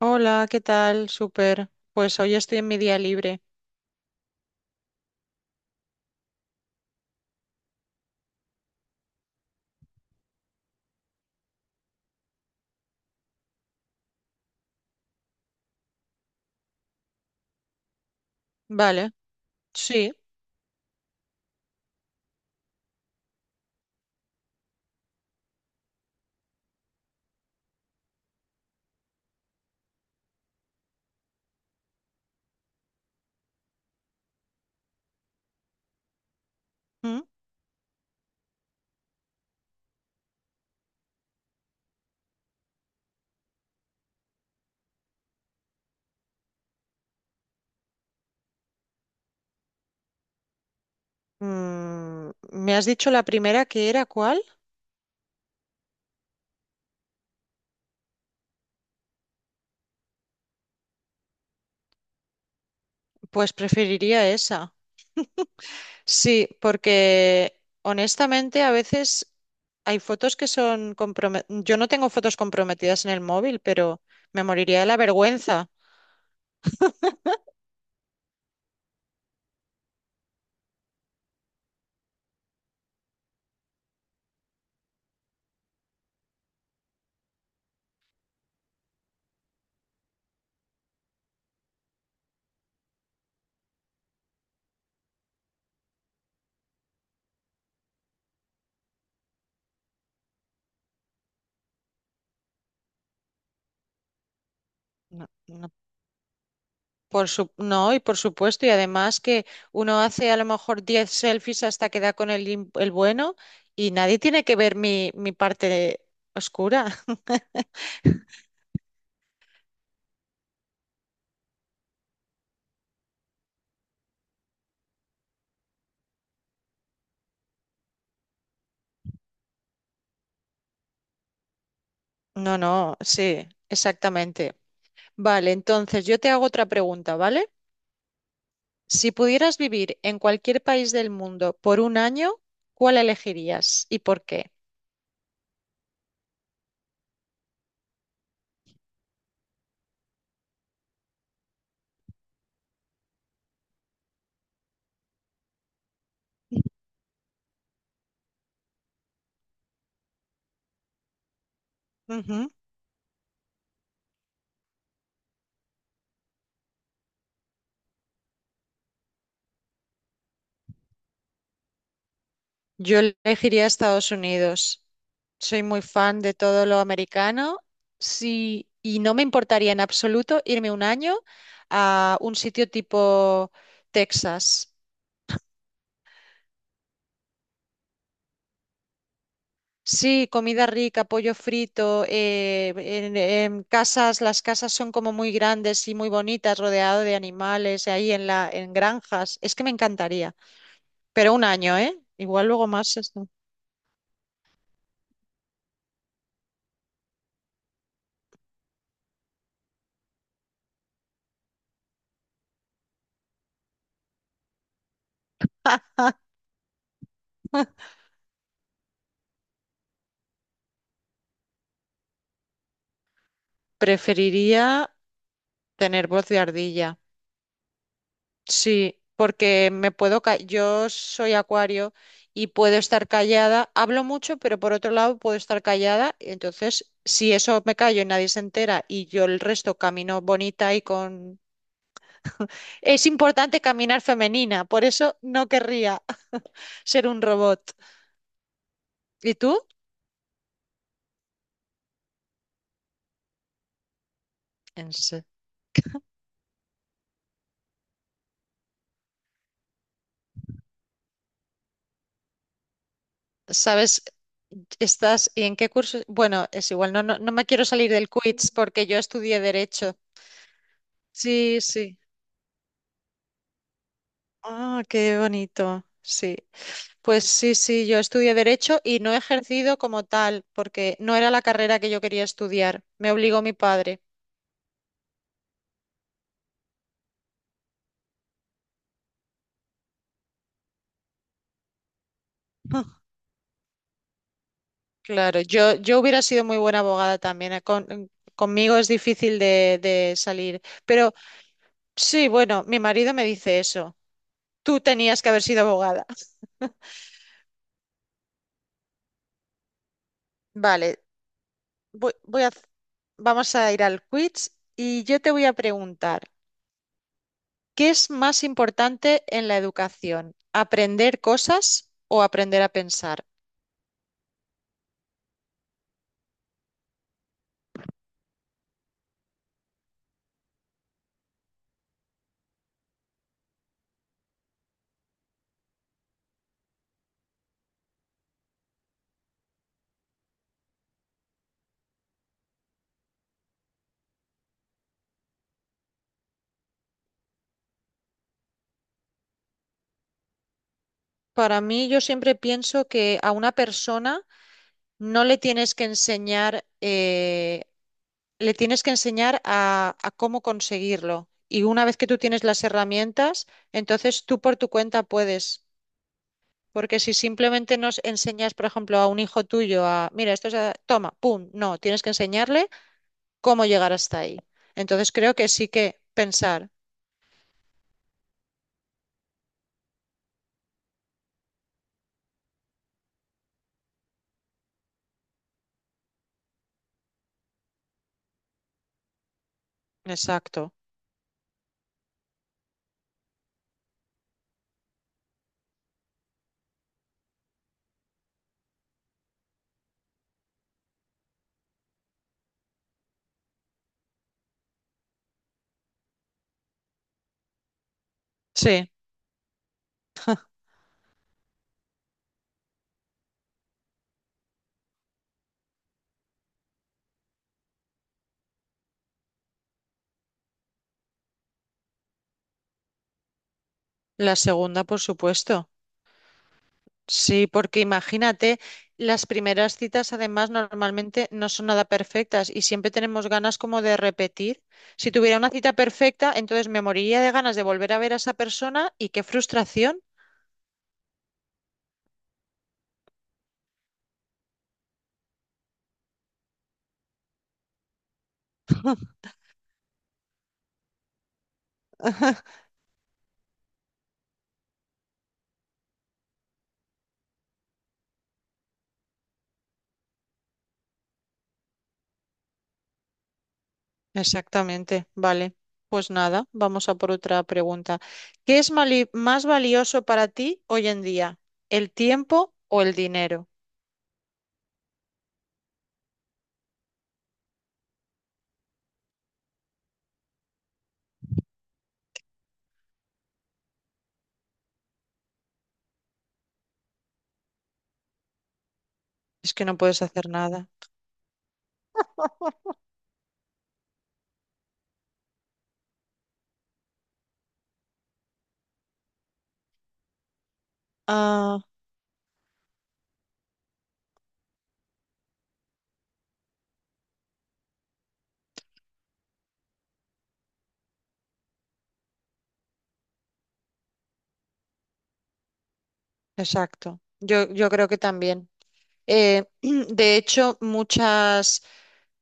Hola, ¿qué tal? Súper. Pues hoy estoy en mi día libre. Vale, sí. ¿Mm? ¿Me has dicho la primera que era cuál? Pues preferiría esa. Sí, porque honestamente a veces hay fotos que son comprometidas. Yo no tengo fotos comprometidas en el móvil, pero me moriría de la vergüenza. No, no, no, y por supuesto, y además que uno hace a lo mejor 10 selfies hasta que da con el bueno, y nadie tiene que ver mi parte oscura. No, no, sí, exactamente. Vale, entonces yo te hago otra pregunta, ¿vale? Si pudieras vivir en cualquier país del mundo por un año, ¿cuál elegirías y por qué? Ujú. Yo elegiría Estados Unidos. Soy muy fan de todo lo americano. Sí, y no me importaría en absoluto irme un año a un sitio tipo Texas. Sí, comida rica, pollo frito, en casas, las casas son como muy grandes y muy bonitas, rodeado de animales, ahí en granjas. Es que me encantaría. Pero un año, ¿eh? Igual luego más esto. Preferiría tener voz de ardilla. Sí, porque me puedo yo soy acuario y puedo estar callada, hablo mucho, pero por otro lado puedo estar callada, y entonces si eso me callo y nadie se entera y yo el resto camino bonita y con. Es importante caminar femenina, por eso no querría ser un robot. ¿Y tú? En se- ¿Sabes? ¿Estás y en qué curso? Bueno, es igual, no, no, no me quiero salir del quiz porque yo estudié derecho. Sí, sí. Ah, qué bonito. Sí. Pues sí, sí, yo estudié derecho y no he ejercido como tal, porque no era la carrera que yo quería estudiar. Me obligó mi padre. Claro, yo hubiera sido muy buena abogada también. Conmigo es difícil de salir. Pero sí, bueno, mi marido me dice eso. Tú tenías que haber sido abogada. Vale, voy, voy a, vamos a ir al quiz y yo te voy a preguntar, ¿qué es más importante en la educación? ¿Aprender cosas o aprender a pensar? Para mí, yo siempre pienso que a una persona no le tienes que enseñar, le tienes que enseñar a cómo conseguirlo. Y una vez que tú tienes las herramientas, entonces tú por tu cuenta puedes. Porque si simplemente nos enseñas, por ejemplo, a un hijo tuyo a, mira, esto es, toma, pum, no, tienes que enseñarle cómo llegar hasta ahí. Entonces creo que sí que pensar. Exacto. Sí, la segunda, por supuesto. Sí, porque imagínate, las primeras citas además normalmente no son nada perfectas y siempre tenemos ganas como de repetir. Si tuviera una cita perfecta, entonces me moriría de ganas de volver a ver a esa persona y qué frustración. Exactamente, vale. Pues nada, vamos a por otra pregunta. ¿Qué es más valioso para ti hoy en día? ¿El tiempo o el dinero? Es que no puedes hacer nada. Ah, exacto. Yo creo que también. De hecho, muchas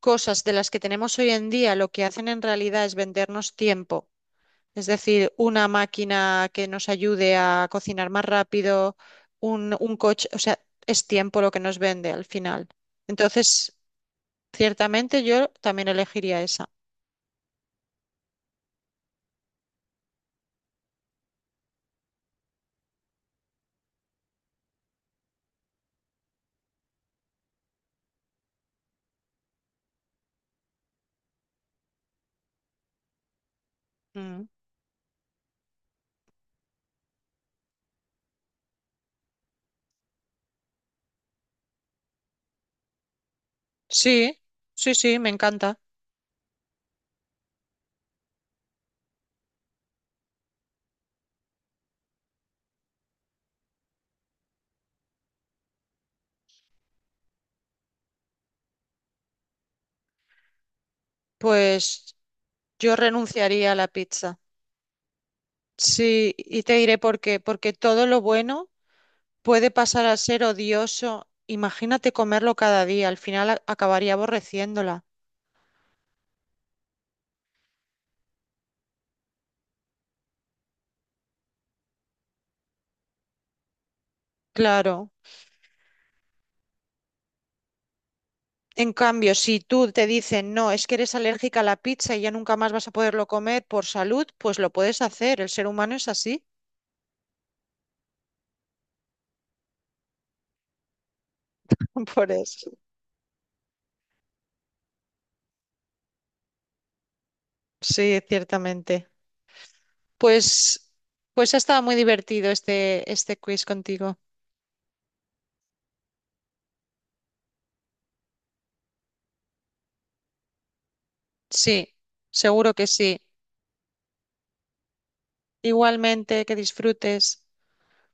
cosas de las que tenemos hoy en día lo que hacen en realidad es vendernos tiempo. Es decir, una máquina que nos ayude a cocinar más rápido, un coche, o sea, es tiempo lo que nos vende al final. Entonces, ciertamente yo también elegiría esa. Mm. Sí, sí, sí, me encanta. Pues yo renunciaría a la pizza. Sí, y te diré por qué. Porque todo lo bueno puede pasar a ser odioso. Imagínate comerlo cada día, al final acabaría aborreciéndola. Claro. En cambio, si tú te dicen, no, es que eres alérgica a la pizza y ya nunca más vas a poderlo comer por salud, pues lo puedes hacer. El ser humano es así. Por eso. Sí, ciertamente. Pues, pues ha estado muy divertido este quiz contigo. Sí, seguro que sí. Igualmente, que disfrutes.